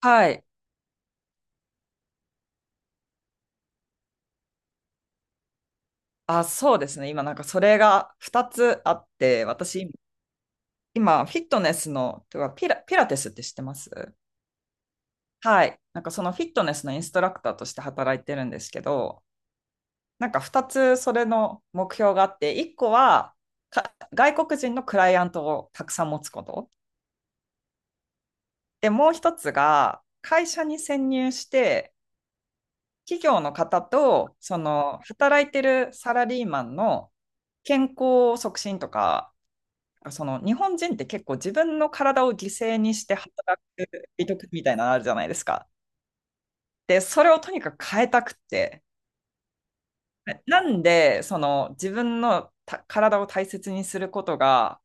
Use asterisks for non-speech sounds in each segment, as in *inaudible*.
はい。あ、そうですね。今それが2つあって、私今フィットネスの、てかピラテスって知ってます？はい。なんかそのフィットネスのインストラクターとして働いてるんですけど、なんか2つそれの目標があって、1個は外国人のクライアントをたくさん持つこと。で、もう1つが会社に潜入して、企業の方とその働いてるサラリーマンの健康促進とか、その日本人って結構自分の体を犠牲にして働く美徳みたいなのあるじゃないですか。で、それをとにかく変えたくて。なんで、その自分の体を大切にすることが、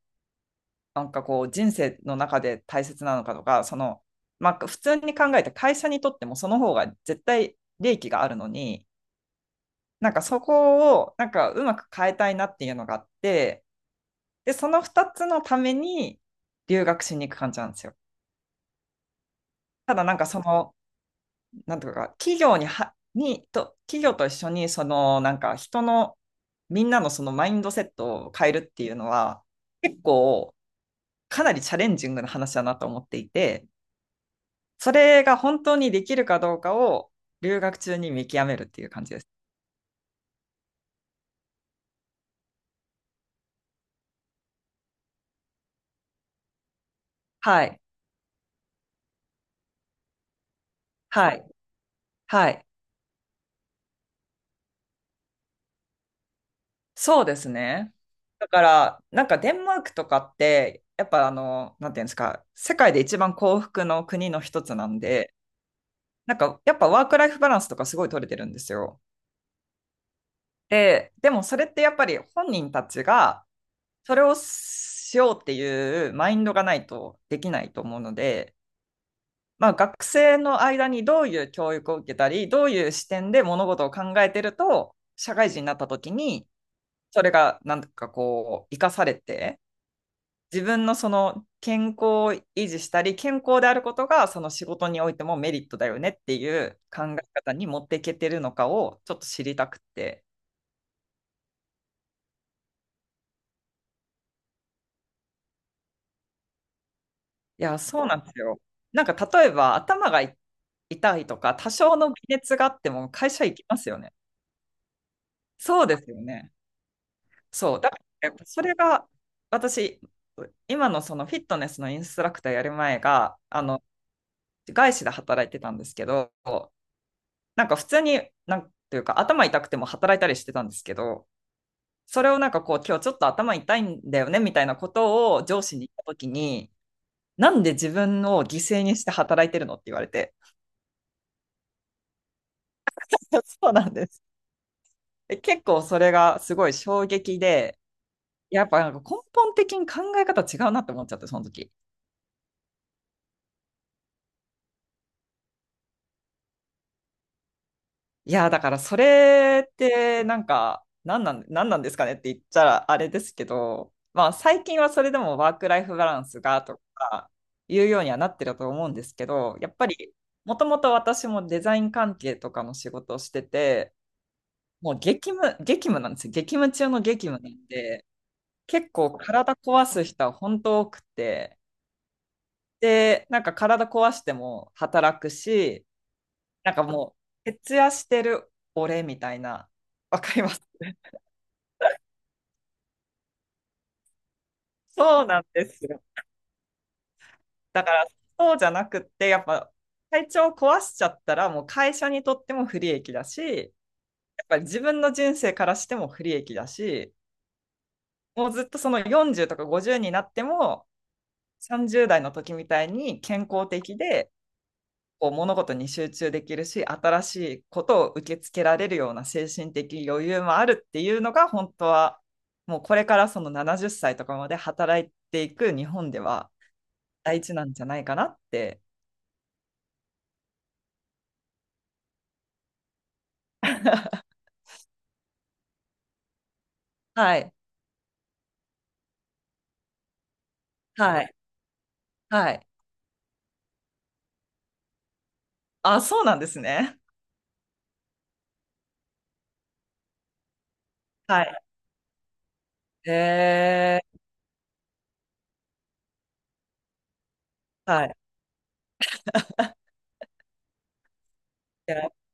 なんかこう人生の中で大切なのかとか、その、まあ普通に考えて会社にとってもその方が絶対利益があるのに、なんかそこをなんかうまく変えたいなっていうのがあって、で、その2つのために留学しに行く感じなんですよ。ただなんかその、なんとか、企業と一緒に、その、なんか、みんなのそのマインドセットを変えるっていうのは、結構、かなりチャレンジングな話だなと思っていて、それが本当にできるかどうかを留学中に見極めるっていう感じです。はい。はい。はい。そうですね。だから、なんかデンマークとかって、やっぱあの、なんていうんですか、世界で一番幸福の国の一つなんで、なんかやっぱワークライフバランスとかすごい取れてるんですよ。で、でもそれってやっぱり本人たちがそれをしようっていうマインドがないとできないと思うので、まあ、学生の間にどういう教育を受けたり、どういう視点で物事を考えてると、社会人になった時に、それがなんかこう、生かされて、自分のその健康を維持したり、健康であることがその仕事においてもメリットだよねっていう考え方に持っていけてるのかをちょっと知りたくて。いや、そうなんですよ。なんか例えば頭がい痛いとか、多少の微熱があっても会社行きますよね。そうですよね。そう。だからやっぱそれが私、今のそのフィットネスのインストラクターやる前が、あの、外資で働いてたんですけど、なんか普通に、なんていうか頭痛くても働いたりしてたんですけど、それをなんかこう、今日ちょっと頭痛いんだよねみたいなことを上司に言ったときに、なんで自分を犠牲にして働いてるのって言われて。*laughs* そうなんです。え結構それがすごい衝撃で、やっぱなんか根本的に考え方違うなって思っちゃって、その時。いや、だからそれってなんか、なんなんですかねって言ったらあれですけど、まあ最近はそれでもワークライフバランスがとかいうようにはなってると思うんですけど、やっぱりもともと私もデザイン関係とかの仕事をしてて、もう激務なんですよ。激務中の激務なんで、結構体壊す人は本当多くて、で、なんか体壊しても働くし、なんか徹夜してる俺みたいな、わかります。そうなんですよ。だから、そうじゃなくって、やっぱ、体調を壊しちゃったら、もう会社にとっても不利益だし、やっぱり自分の人生からしても不利益だし、もうずっとその40とか50になっても、30代の時みたいに健康的で、こう物事に集中できるし新しいことを受け付けられるような精神的余裕もあるっていうのが本当はもうこれからその70歳とかまで働いていく日本では大事なんじゃないかなって。はいはいはい。あ、そうなんですね。はい。えー、はい。 *laughs* いやい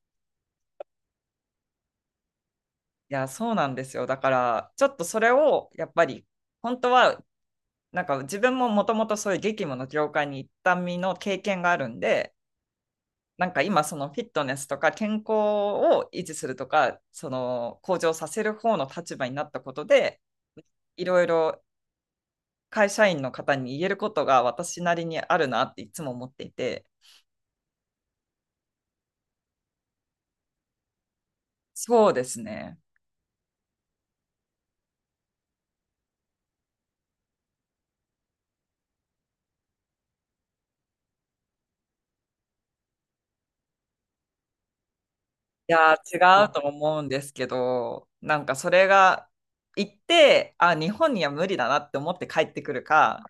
やそうなんですよ、だからちょっとそれをやっぱり本当はなんか自分ももともとそういう激務の業界に行った身の経験があるんで、なんか今そのフィットネスとか健康を維持するとかその向上させる方の立場になったことでいろいろ会社員の方に言えることが私なりにあるなっていつも思っていて。そうですね。いやー違うと思うんですけどなんかそれが行ってあ日本には無理だなって思って帰ってくるか、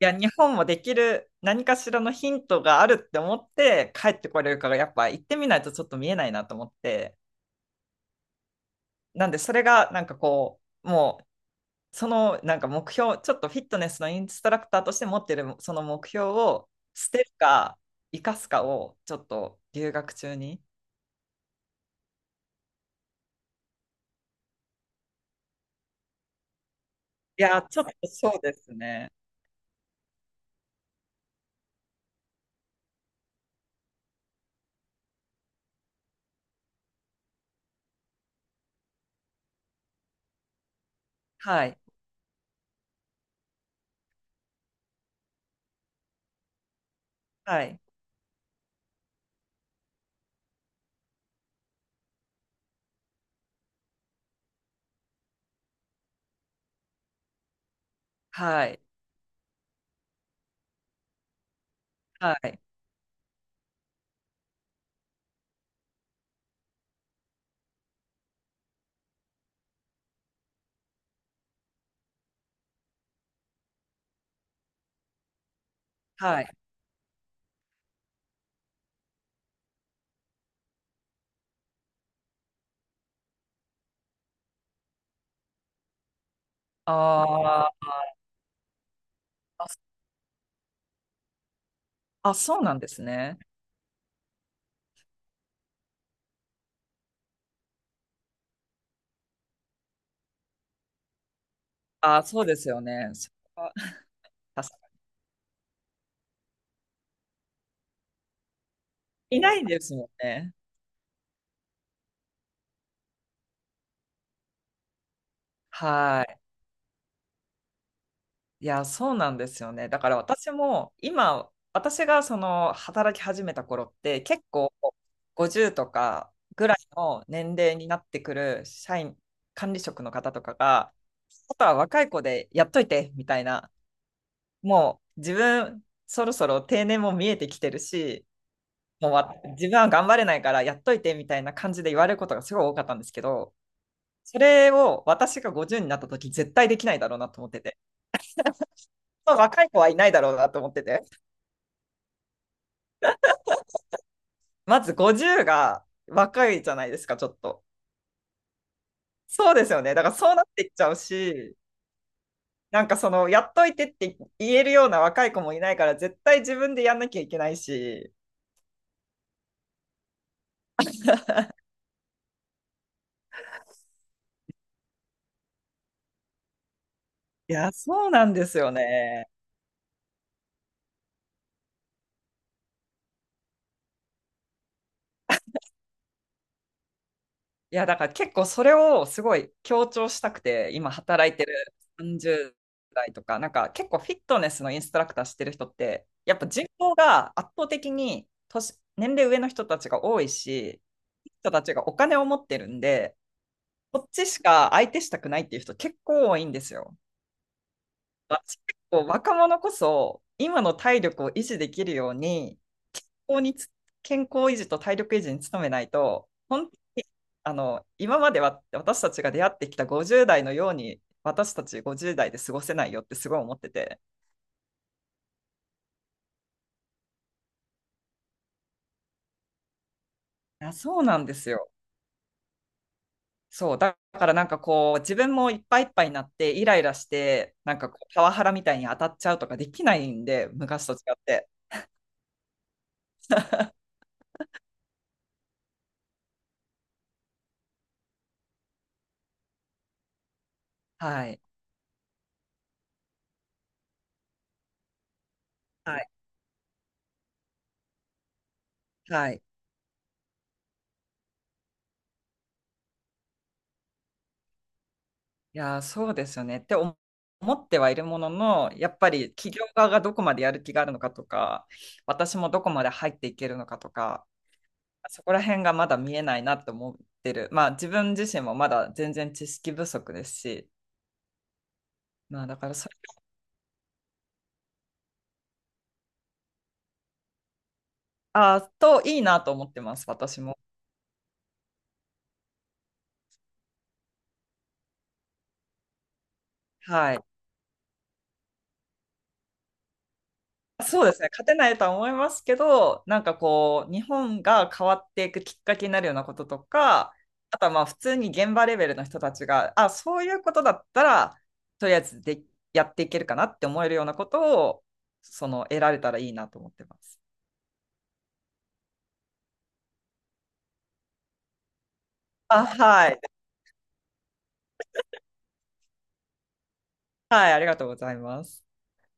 いや日本もできる何かしらのヒントがあるって思って帰ってこれるかがやっぱ行ってみないとちょっと見えないなと思って。なんで、それがなんかこう、もう、そのなんか目標、ちょっとフィットネスのインストラクターとして持ってるその目標を捨てるか、生かすかをちょっと留学中に。いや、ちょっとそうですね。はい、はい、はい、はい、はい。あー、あ、そうなんですね。あーそうですよね。そこは確かにいないですもんね。はい。いや、そうなんですよね。だから私も今、私がその働き始めた頃って結構50とかぐらいの年齢になってくる社員、管理職の方とかが、あとは若い子でやっといてみたいな、もう自分そろそろ定年も見えてきてるし、もう自分は頑張れないからやっといてみたいな感じで言われることがすごい多かったんですけど、それを私が50になった時絶対できないだろうなと思ってて、若い子はいないだろうなと思ってて。まず50が若いじゃないですか、ちょっと。そうですよね。だからそうなっていっちゃうし、なんかその、やっといてって言えるような若い子もいないから、絶対自分でやんなきゃいけないし。いや、そうなんですよね。いや、だから結構それをすごい強調したくて、今働いてる30代とか、なんか結構フィットネスのインストラクターしてる人って、やっぱ人口が圧倒的に年齢上の人たちが多いし、人たちがお金を持ってるんで、こっちしか相手したくないっていう人結構多いんですよ。私結構若者こそ今の体力を維持できるように健康につ健康維持と体力維持に努めないと本当に、あの今までは私たちが出会ってきた50代のように私たち50代で過ごせないよってすごい思ってて。いやそうなんですよ。そうだからなんかこう自分もいっぱいいっぱいになってイライラしてなんかこうパワハラみたいに当たっちゃうとかできないんで昔と違って。はい、はいはい。いやー、そうですよねって思ってはいるものの、やっぱり企業側がどこまでやる気があるのかとか、私もどこまで入っていけるのかとか、そこら辺がまだ見えないなと思ってる。まあ自分自身もまだ全然知識不足ですし、まあだからそれ、あーといいなと思ってます、私も。はい。そうですね、勝てないとは思いますけど、なんかこう、日本が変わっていくきっかけになるようなこととか、あとはまあ普通に現場レベルの人たちが、あ、そういうことだったら、とりあえずでやっていけるかなって思えるようなことを、その、得られたらいいなと思ってます。あ、はい。はい、ありがとうございます。